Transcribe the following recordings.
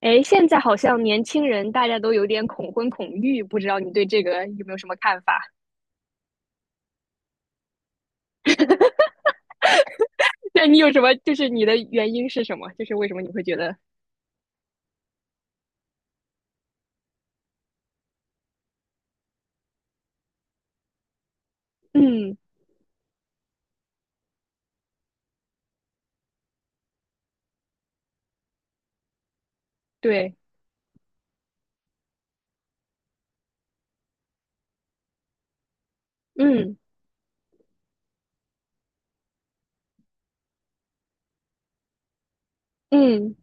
哎，现在好像年轻人大家都有点恐婚恐育，不知道你对这个有没有什么看法？那你有什么，就是你的原因是什么？就是为什么你会觉得，嗯，对，嗯嗯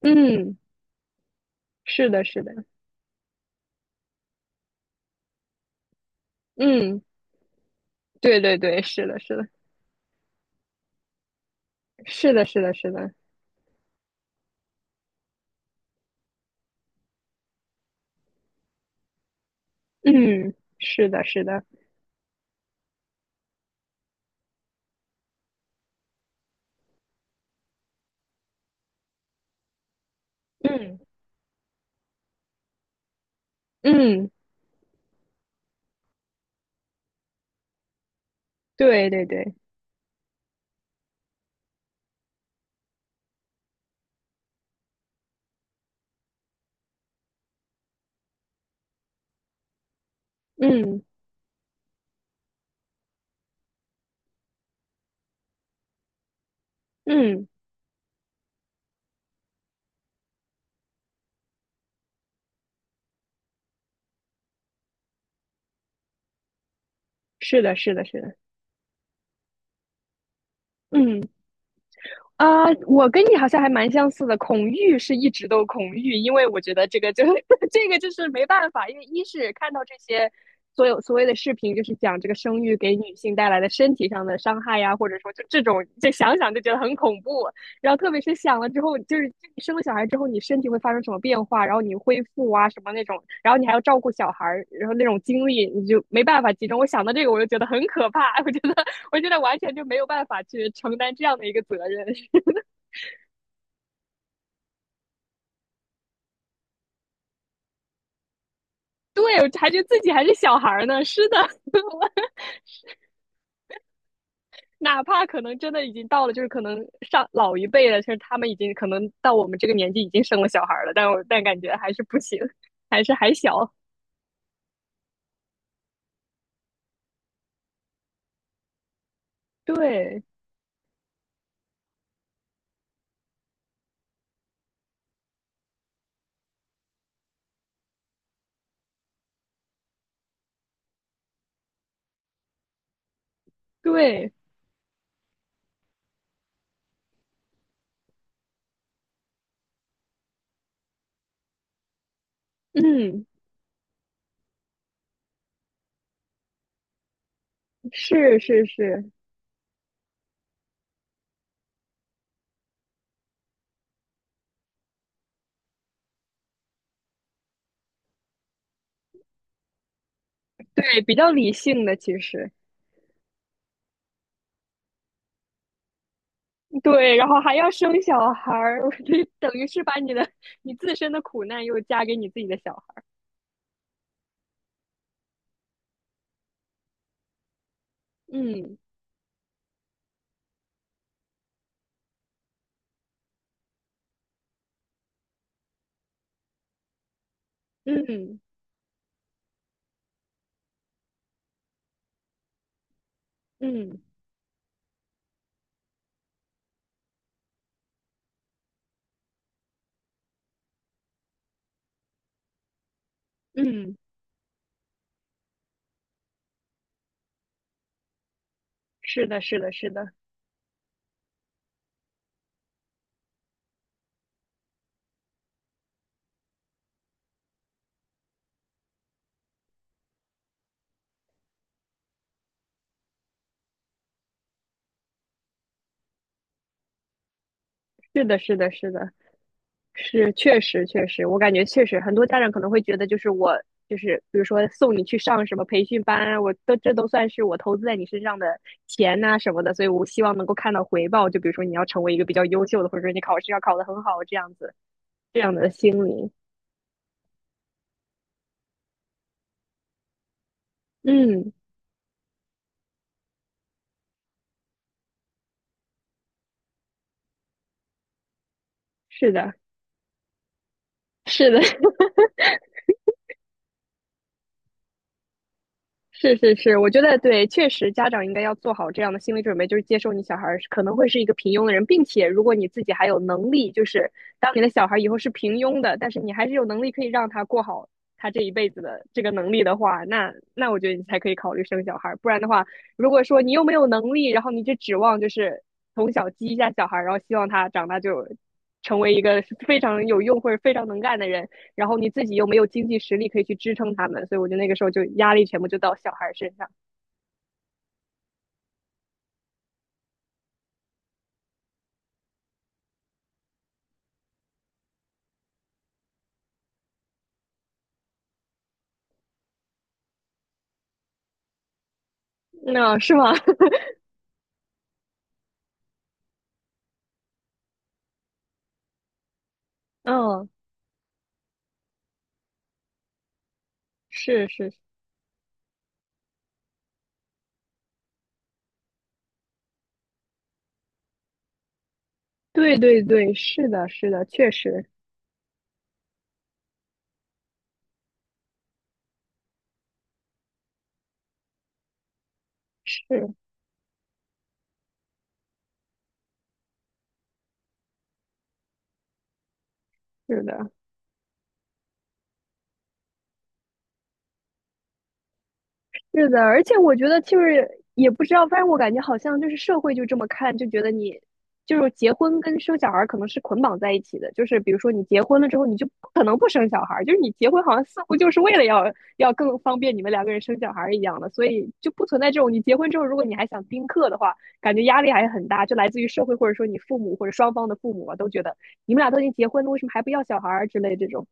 嗯，是的，是的，嗯，对对对，是的，是的，是的，是的，是的，嗯，是的，是的，嗯嗯，对对对，嗯嗯，是的，是的，是的，嗯。啊，我跟你好像还蛮相似的。恐育是一直都恐育，因为我觉得这个就 这个就是没办法，因为一是看到这些所有所谓的视频，就是讲这个生育给女性带来的身体上的伤害呀，或者说就这种，就想想就觉得很恐怖。然后特别是想了之后，就是你生了小孩之后，你身体会发生什么变化，然后你恢复啊什么那种，然后你还要照顾小孩儿，然后那种精力你就没办法集中。我想到这个，我就觉得很可怕，我觉得完全就没有办法去承担这样的一个责任。对，我还觉得自己还是小孩儿呢。是的，哪怕可能真的已经到了，就是可能上老一辈了，就是他们已经可能到我们这个年纪已经生了小孩儿了，但我但感觉还是不行，还是还小。对对，嗯，是是是，对，比较理性的其实。对，然后还要生小孩儿，我觉得等于是把你的你自身的苦难又加给你自己的小孩儿。嗯嗯嗯嗯，是的，是的，是的，是的，是的，是的。是，确实确实，我感觉确实很多家长可能会觉得，就是我就是比如说送你去上什么培训班啊我都这都算是我投资在你身上的钱呐、什么的，所以我希望能够看到回报。就比如说你要成为一个比较优秀的，或者说你考试要考得很好这样子，这样的心理。嗯，是的，是的，是是是，我觉得对，确实家长应该要做好这样的心理准备，就是接受你小孩儿是可能会是一个平庸的人，并且如果你自己还有能力，就是当你的小孩以后是平庸的，但是你还是有能力可以让他过好他这一辈子的这个能力的话，那我觉得你才可以考虑生小孩儿。不然的话，如果说你又没有能力，然后你就指望就是从小激一下小孩儿，然后希望他长大就成为一个非常有用或者非常能干的人，然后你自己又没有经济实力可以去支撑他们，所以我觉得那个时候就压力全部就到小孩身上。那、嗯是吗？嗯，是是，对对对，是的，是的，确实是是的。是的，而且我觉得就是也不知道，反正我感觉好像就是社会就这么看，就觉得你就是结婚跟生小孩儿可能是捆绑在一起的，就是比如说你结婚了之后，你就不可能不生小孩儿，就是你结婚好像似乎就是为了要更方便你们两个人生小孩儿一样的，所以就不存在这种你结婚之后，如果你还想丁克的话，感觉压力还是很大，就来自于社会或者说你父母或者双方的父母啊，都觉得你们俩都已经结婚了，为什么还不要小孩儿之类这种。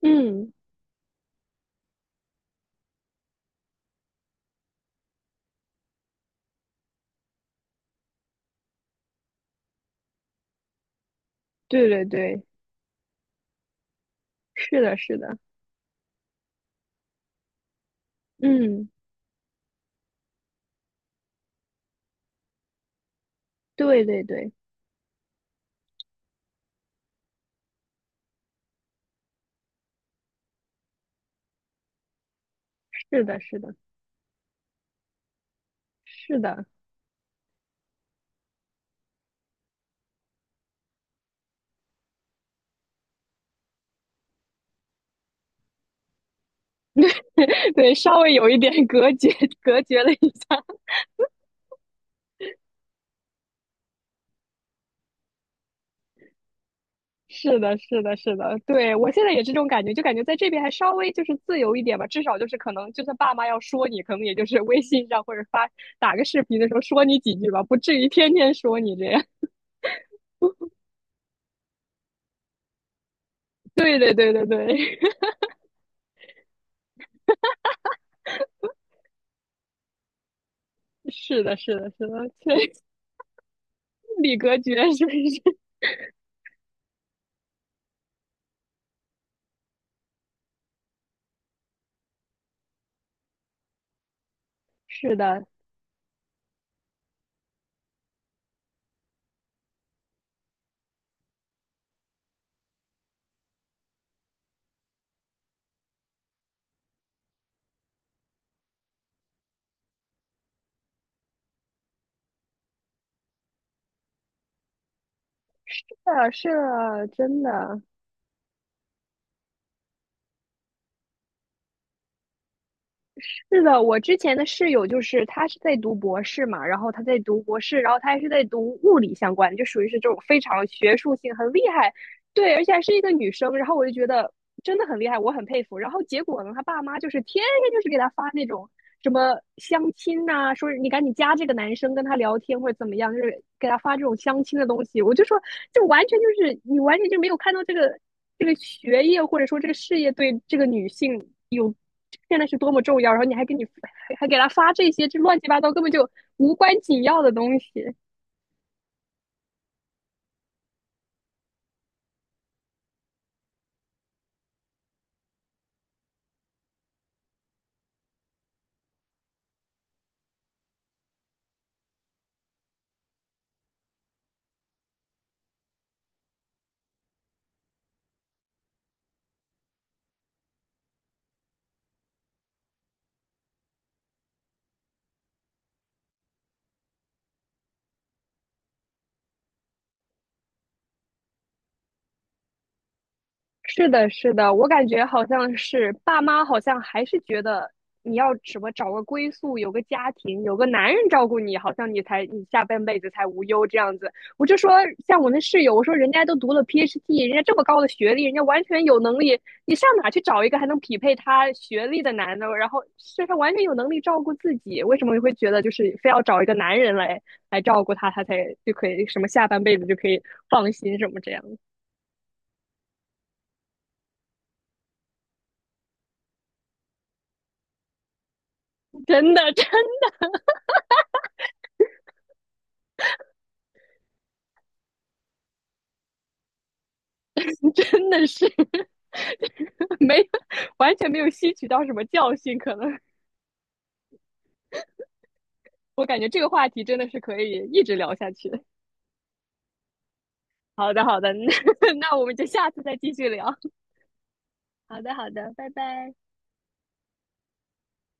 嗯，对对对，是的，是的，嗯，对对对。是的，是的，是的，对，稍微有一点隔绝，隔绝了一下。是的，是的，是的，对，我现在也是这种感觉，就感觉在这边还稍微就是自由一点吧，至少就是可能就算爸妈要说你，可能也就是微信上或者发打个视频的时候说你几句吧，不至于天天说你这样。对对对对对，是的，是的，是的，对，心理隔绝是是 是的，是的，是的，真的。是的，我之前的室友就是他是在读博士嘛，然后他在读博士，然后他还是在读物理相关的，就属于是这种非常学术性很厉害，对，而且还是一个女生，然后我就觉得真的很厉害，我很佩服。然后结果呢，他爸妈就是天天就是给他发那种什么相亲呐、说你赶紧加这个男生跟他聊天或者怎么样，就是给他发这种相亲的东西，我就说就完全就是你完全就没有看到这个学业或者说这个事业对这个女性有现在是多么重要，然后你还给给她发这些这乱七八糟根本就无关紧要的东西，是的，是的，我感觉好像是爸妈好像还是觉得你要什么找个归宿，有个家庭，有个男人照顾你，好像你才你下半辈子才无忧这样子。我就说，像我那室友，我说人家都读了 PhD，人家这么高的学历，人家完全有能力，你上哪去找一个还能匹配他学历的男的？然后身上完全有能力照顾自己，为什么你会觉得就是非要找一个男人来照顾他，他才就可以什么下半辈子就可以放心什么这样？真的，真 真的是 没有，完全没有吸取到什么教训，可能我感觉这个话题真的是可以一直聊下去的好的，好的，那我们就下次再继续聊。好的，好的，拜拜。